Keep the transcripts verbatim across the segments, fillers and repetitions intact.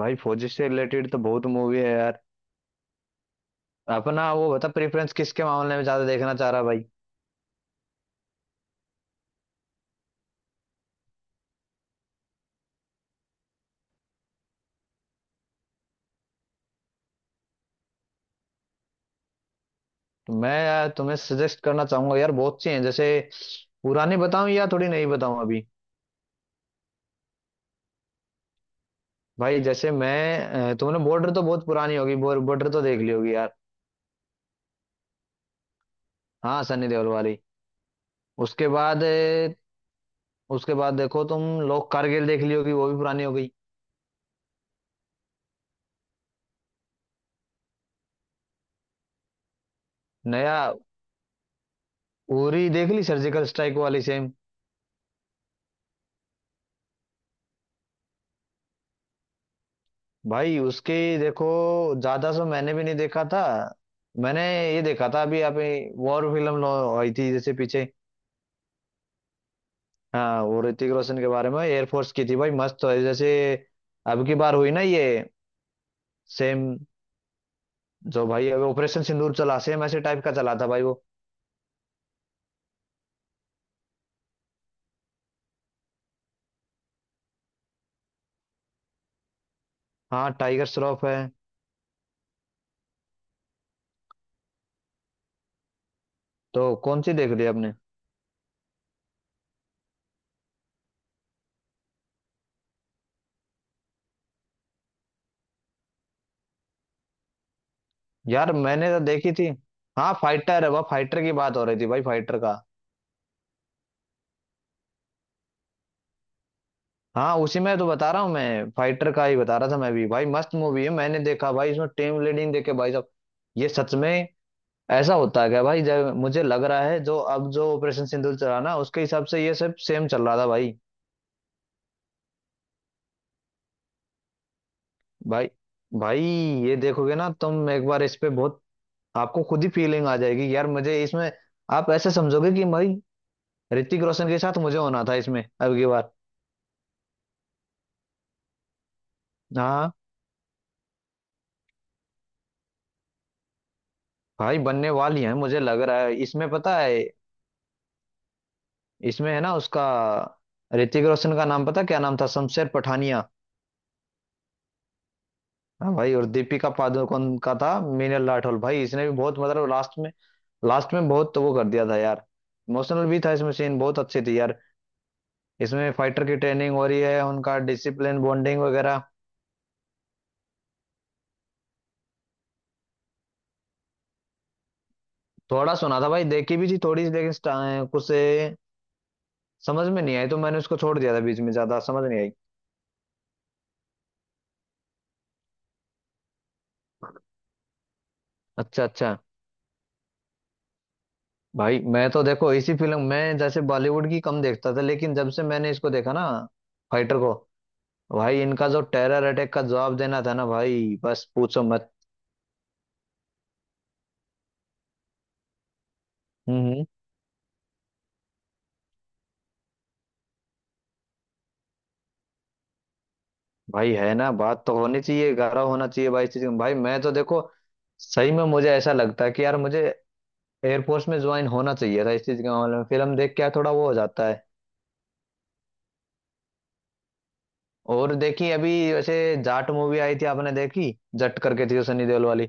भाई फौजी से रिलेटेड तो बहुत मूवी है यार। अपना वो बता प्रेफरेंस किसके मामले में ज्यादा देखना चाह रहा है भाई। तो मैं यार तुम्हें सजेस्ट करना चाहूंगा यार, बहुत सी हैं। जैसे पुरानी बताऊं या थोड़ी नहीं बताऊं अभी। भाई जैसे मैं अ, तुमने बॉर्डर तो बहुत पुरानी होगी, बॉर्डर तो देख ली होगी यार। हाँ, सनी देओल वाली। उसके बाद अ, उसके बाद देखो तुम लोग कारगिल देख ली होगी, वो भी पुरानी हो गई। नया। उरी देख ली, सर्जिकल स्ट्राइक वाली, सेम। भाई उसके देखो, ज्यादा सो मैंने भी नहीं देखा था। मैंने ये देखा था अभी अभी। वॉर फिल्म लो- आई थी जैसे पीछे। हाँ, वो ऋतिक रोशन के बारे में, एयरफोर्स की थी भाई, मस्त है जैसे। अब की बार हुई ना ये। सेम। जो भाई अभी ऑपरेशन सिंदूर चला, सेम ऐसे टाइप का चला था भाई वो। हाँ, टाइगर श्रॉफ है। तो कौन सी देख ली आपने। यार मैंने तो देखी थी। हाँ, फाइटर है, वह फाइटर की बात हो रही थी भाई, फाइटर का। हाँ, उसी में तो बता रहा हूँ, मैं फाइटर का ही बता रहा था मैं भी भाई। मस्त मूवी है, मैंने देखा भाई, इसमें टीम लीडिंग देखे भाई साहब। ये सच में ऐसा होता है क्या भाई, जब मुझे लग रहा है जो अब जो ऑपरेशन सिंदूर चला ना, उसके हिसाब से ये सब सेम चल रहा था भाई। भाई भाई, ये देखोगे ना तुम एक बार इस पे बहुत, आपको खुद ही फीलिंग आ जाएगी यार मुझे इसमें। आप ऐसे समझोगे कि भाई ऋतिक रोशन के साथ मुझे होना था इसमें अब की बार। हाँ भाई, बनने वाली है मुझे लग रहा है इसमें पता है। इसमें है ना उसका, ऋतिक रोशन का नाम पता क्या नाम था, शमशेर पठानिया। हाँ भाई, और दीपिका पादुकोण का था मीनल राठौर। भाई इसने भी बहुत, मतलब लास्ट में, लास्ट में बहुत तो वो कर दिया था यार। इमोशनल भी था, इसमें सीन बहुत अच्छे थे यार। इसमें फाइटर की ट्रेनिंग हो रही है, उनका डिसिप्लिन, बॉन्डिंग वगैरह। थोड़ा सुना था भाई, देखी भी थी थोड़ी सी, लेकिन स्टा- कुछ ए, समझ में नहीं आई, तो मैंने उसको छोड़ दिया था बीच में, ज्यादा समझ नहीं आई। अच्छा अच्छा। भाई मैं तो देखो इसी फिल्म, मैं जैसे बॉलीवुड की कम देखता था, लेकिन जब से मैंने इसको देखा ना, फाइटर को। भाई इनका जो टेरर अटैक का जवाब देना था ना भाई, बस पूछो मत। हम्म। भाई है ना, बात तो होनी चाहिए, गारा होना चाहिए भाई इस चीज में। भाई मैं तो देखो सही में मुझे ऐसा लगता है कि यार मुझे एयरफोर्स में ज्वाइन होना चाहिए था। इस चीज के मामले में फिल्म देख के यार थोड़ा वो हो जाता है। और देखी अभी वैसे, जाट मूवी आई थी, आपने देखी। जट करके थी वो, सनी देओल वाली।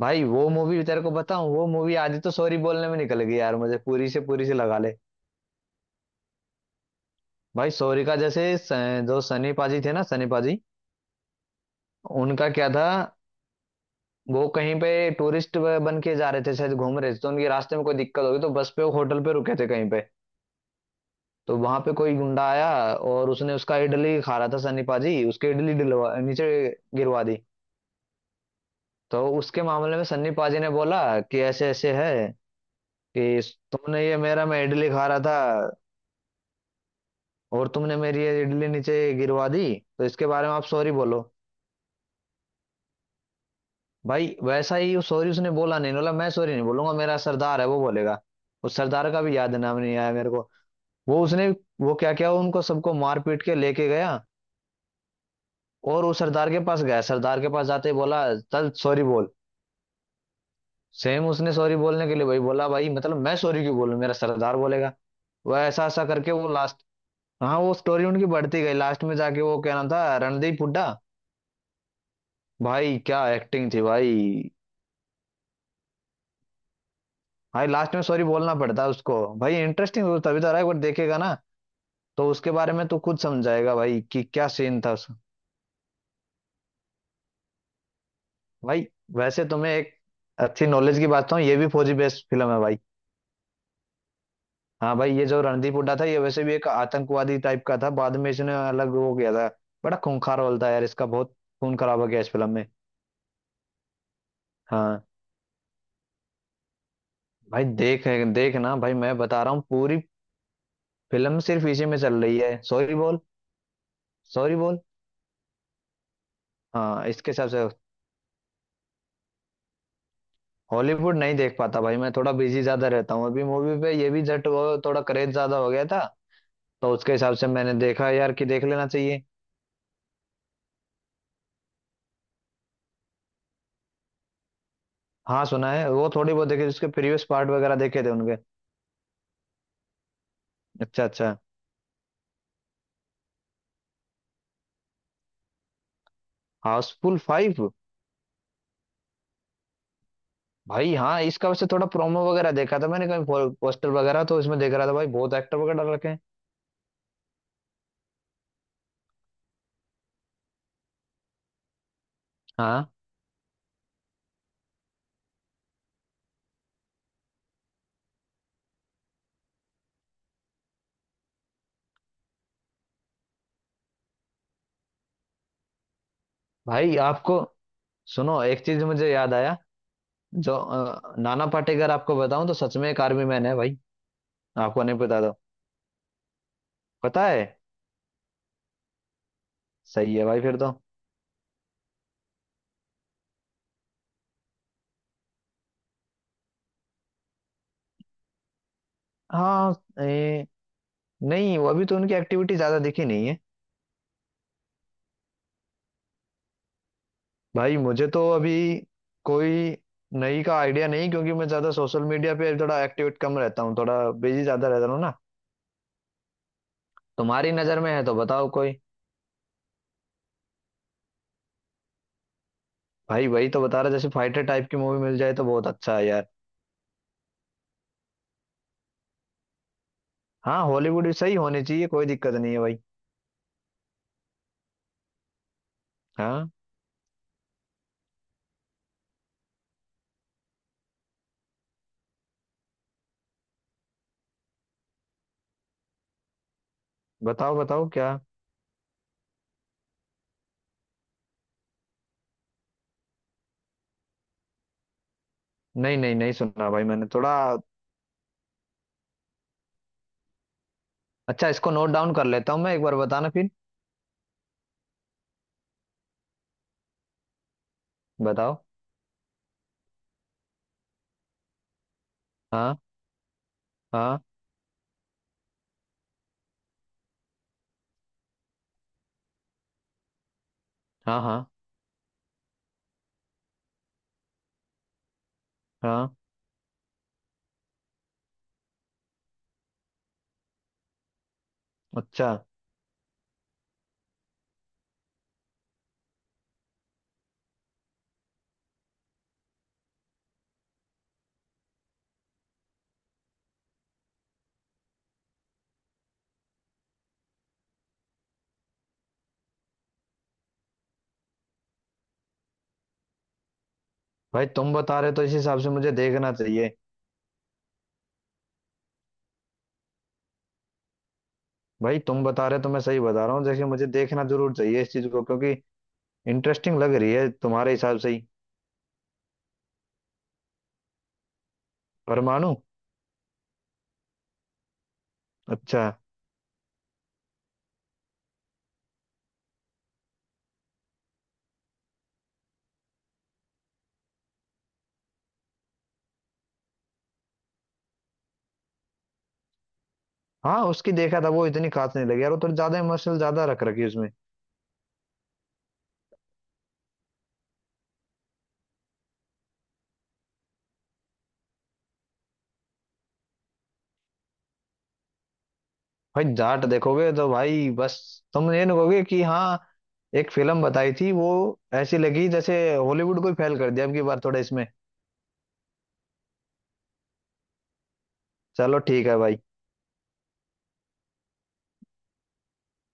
भाई वो मूवी तेरे को बताऊं, वो मूवी आधी तो सॉरी बोलने में निकल गई यार मुझे, पूरी से पूरी से लगा ले। भाई सॉरी का जैसे, स- जो सनी पाजी थे ना, सनी पाजी, उनका क्या था। वो कहीं पे टूरिस्ट बन के जा रहे थे शायद, घूम रहे थे, तो उनके रास्ते में कोई दिक्कत हो गई, तो बस पे वो होटल पे रुके थे कहीं पे। तो वहां पे कोई गुंडा आया, और उसने उसका, इडली खा रहा था सन्नी पाजी, उसके इडली डलवा नीचे गिरवा दी। तो उसके मामले में सन्नी पाजी ने बोला कि ऐसे ऐसे है कि तुमने ये मेरा, मैं इडली खा रहा था और तुमने मेरी ये इडली नीचे गिरवा दी, तो इसके बारे में आप सॉरी बोलो। भाई वैसा ही सॉरी, उसने बोला नहीं, बोला मैं सॉरी नहीं बोलूंगा, मेरा सरदार है वो बोलेगा। उस सरदार का भी याद नाम नहीं आया मेरे को। वो उसने, वो क्या क्या उनको सबको मार पीट के लेके गया, और उस सरदार के पास गया। सरदार के पास जाते ही बोला चल सॉरी बोल। सेम उसने सॉरी बोलने के लिए भाई बोला, भाई मतलब मैं सॉरी क्यों बोलूं, मेरा सरदार बोलेगा। वह ऐसा ऐसा करके वो लास्ट। हाँ, वो स्टोरी उनकी बढ़ती गई, लास्ट में जाके वो क्या नाम था, रणदीप हुड्डा। भाई क्या एक्टिंग थी भाई। भाई लास्ट में सॉरी बोलना पड़ता है उसको भाई, इंटरेस्टिंग तो तभी तो रहा है, एक बार देखेगा ना तो उसके बारे में तो खुद समझाएगा भाई कि क्या सीन था उसका। भाई वैसे तुम्हें एक अच्छी नॉलेज की बात बताऊं, ये भी फौजी बेस्ड फिल्म है भाई। हाँ भाई, ये जो रणदीप हुड्डा था, ये वैसे भी एक आतंकवादी टाइप का था, बाद में इसने अलग हो गया था। बड़ा खूंखार रोल था यार इसका, बहुत खून खराब हो गया इस फिल्म में। हाँ भाई, देख, देख ना भाई, मैं बता रहा हूँ, पूरी फिल्म सिर्फ इसी में चल रही है, सॉरी बोल, सॉरी बोल। हाँ इसके हिसाब से। हॉलीवुड नहीं देख पाता भाई, मैं थोड़ा बिजी ज्यादा रहता हूँ अभी, मूवी पे ये भी जट वो थोड़ा क्रेज ज्यादा हो गया था, तो उसके हिसाब से मैंने देखा यार कि देख लेना चाहिए। हाँ सुना है, वो थोड़ी बहुत देखे उसके प्रीवियस पार्ट वगैरह देखे थे उनके। अच्छा अच्छा। हाउसफुल फाइव। भाई हाँ, इसका वैसे थोड़ा प्रोमो वगैरह देखा था मैंने, कहीं पोस्टर वगैरह तो इसमें देख रहा था भाई, बहुत एक्टर वगैरह डाल रखे हैं। हाँ भाई आपको, सुनो एक चीज मुझे याद आया। जो अ, नाना पाटेकर आपको बताऊं तो सच में एक आर्मी मैन है भाई। आपको नहीं पता तो। पता है। सही है भाई फिर तो। हाँ ए, नहीं वो अभी तो उनकी एक्टिविटी ज्यादा दिखी नहीं है। भाई मुझे तो अभी कोई नई का आइडिया नहीं, क्योंकि मैं ज्यादा सोशल मीडिया पे थोड़ा एक्टिवेट कम रहता हूँ, थोड़ा बिजी ज्यादा रहता हूँ ना। तुम्हारी नजर में है तो बताओ कोई। भाई वही तो बता रहा, जैसे फाइटर टाइप की मूवी मिल जाए तो बहुत अच्छा है यार। हाँ, हॉलीवुड भी सही होनी चाहिए, कोई दिक्कत नहीं है भाई। हाँ, बताओ बताओ क्या। नहीं नहीं नहीं, सुनना भाई मैंने थोड़ा। अच्छा, इसको नोट डाउन कर लेता हूँ मैं, एक बार बताना फिर। बताओ। हाँ, हाँ, हाँ, हाँ, हाँ। अच्छा। भाई तुम बता रहे तो इस हिसाब से मुझे देखना चाहिए। भाई तुम बता रहे तो मैं सही बता रहा हूँ, जैसे मुझे देखना जरूर चाहिए इस चीज को, क्योंकि इंटरेस्टिंग लग रही है तुम्हारे हिसाब से ही। परमाणु। अच्छा। हाँ उसकी देखा था, वो इतनी खास नहीं लगी यार, वो थोड़ी ज्यादा इमोशनल ज्यादा रख रखी है उसमें। भाई जाट देखोगे तो भाई बस, तुम ये नहीं कहोगे कि हाँ एक फिल्म बताई थी वो, ऐसी लगी जैसे हॉलीवुड को ही फेल कर दिया अब की बार थोड़ा इसमें। चलो ठीक है भाई।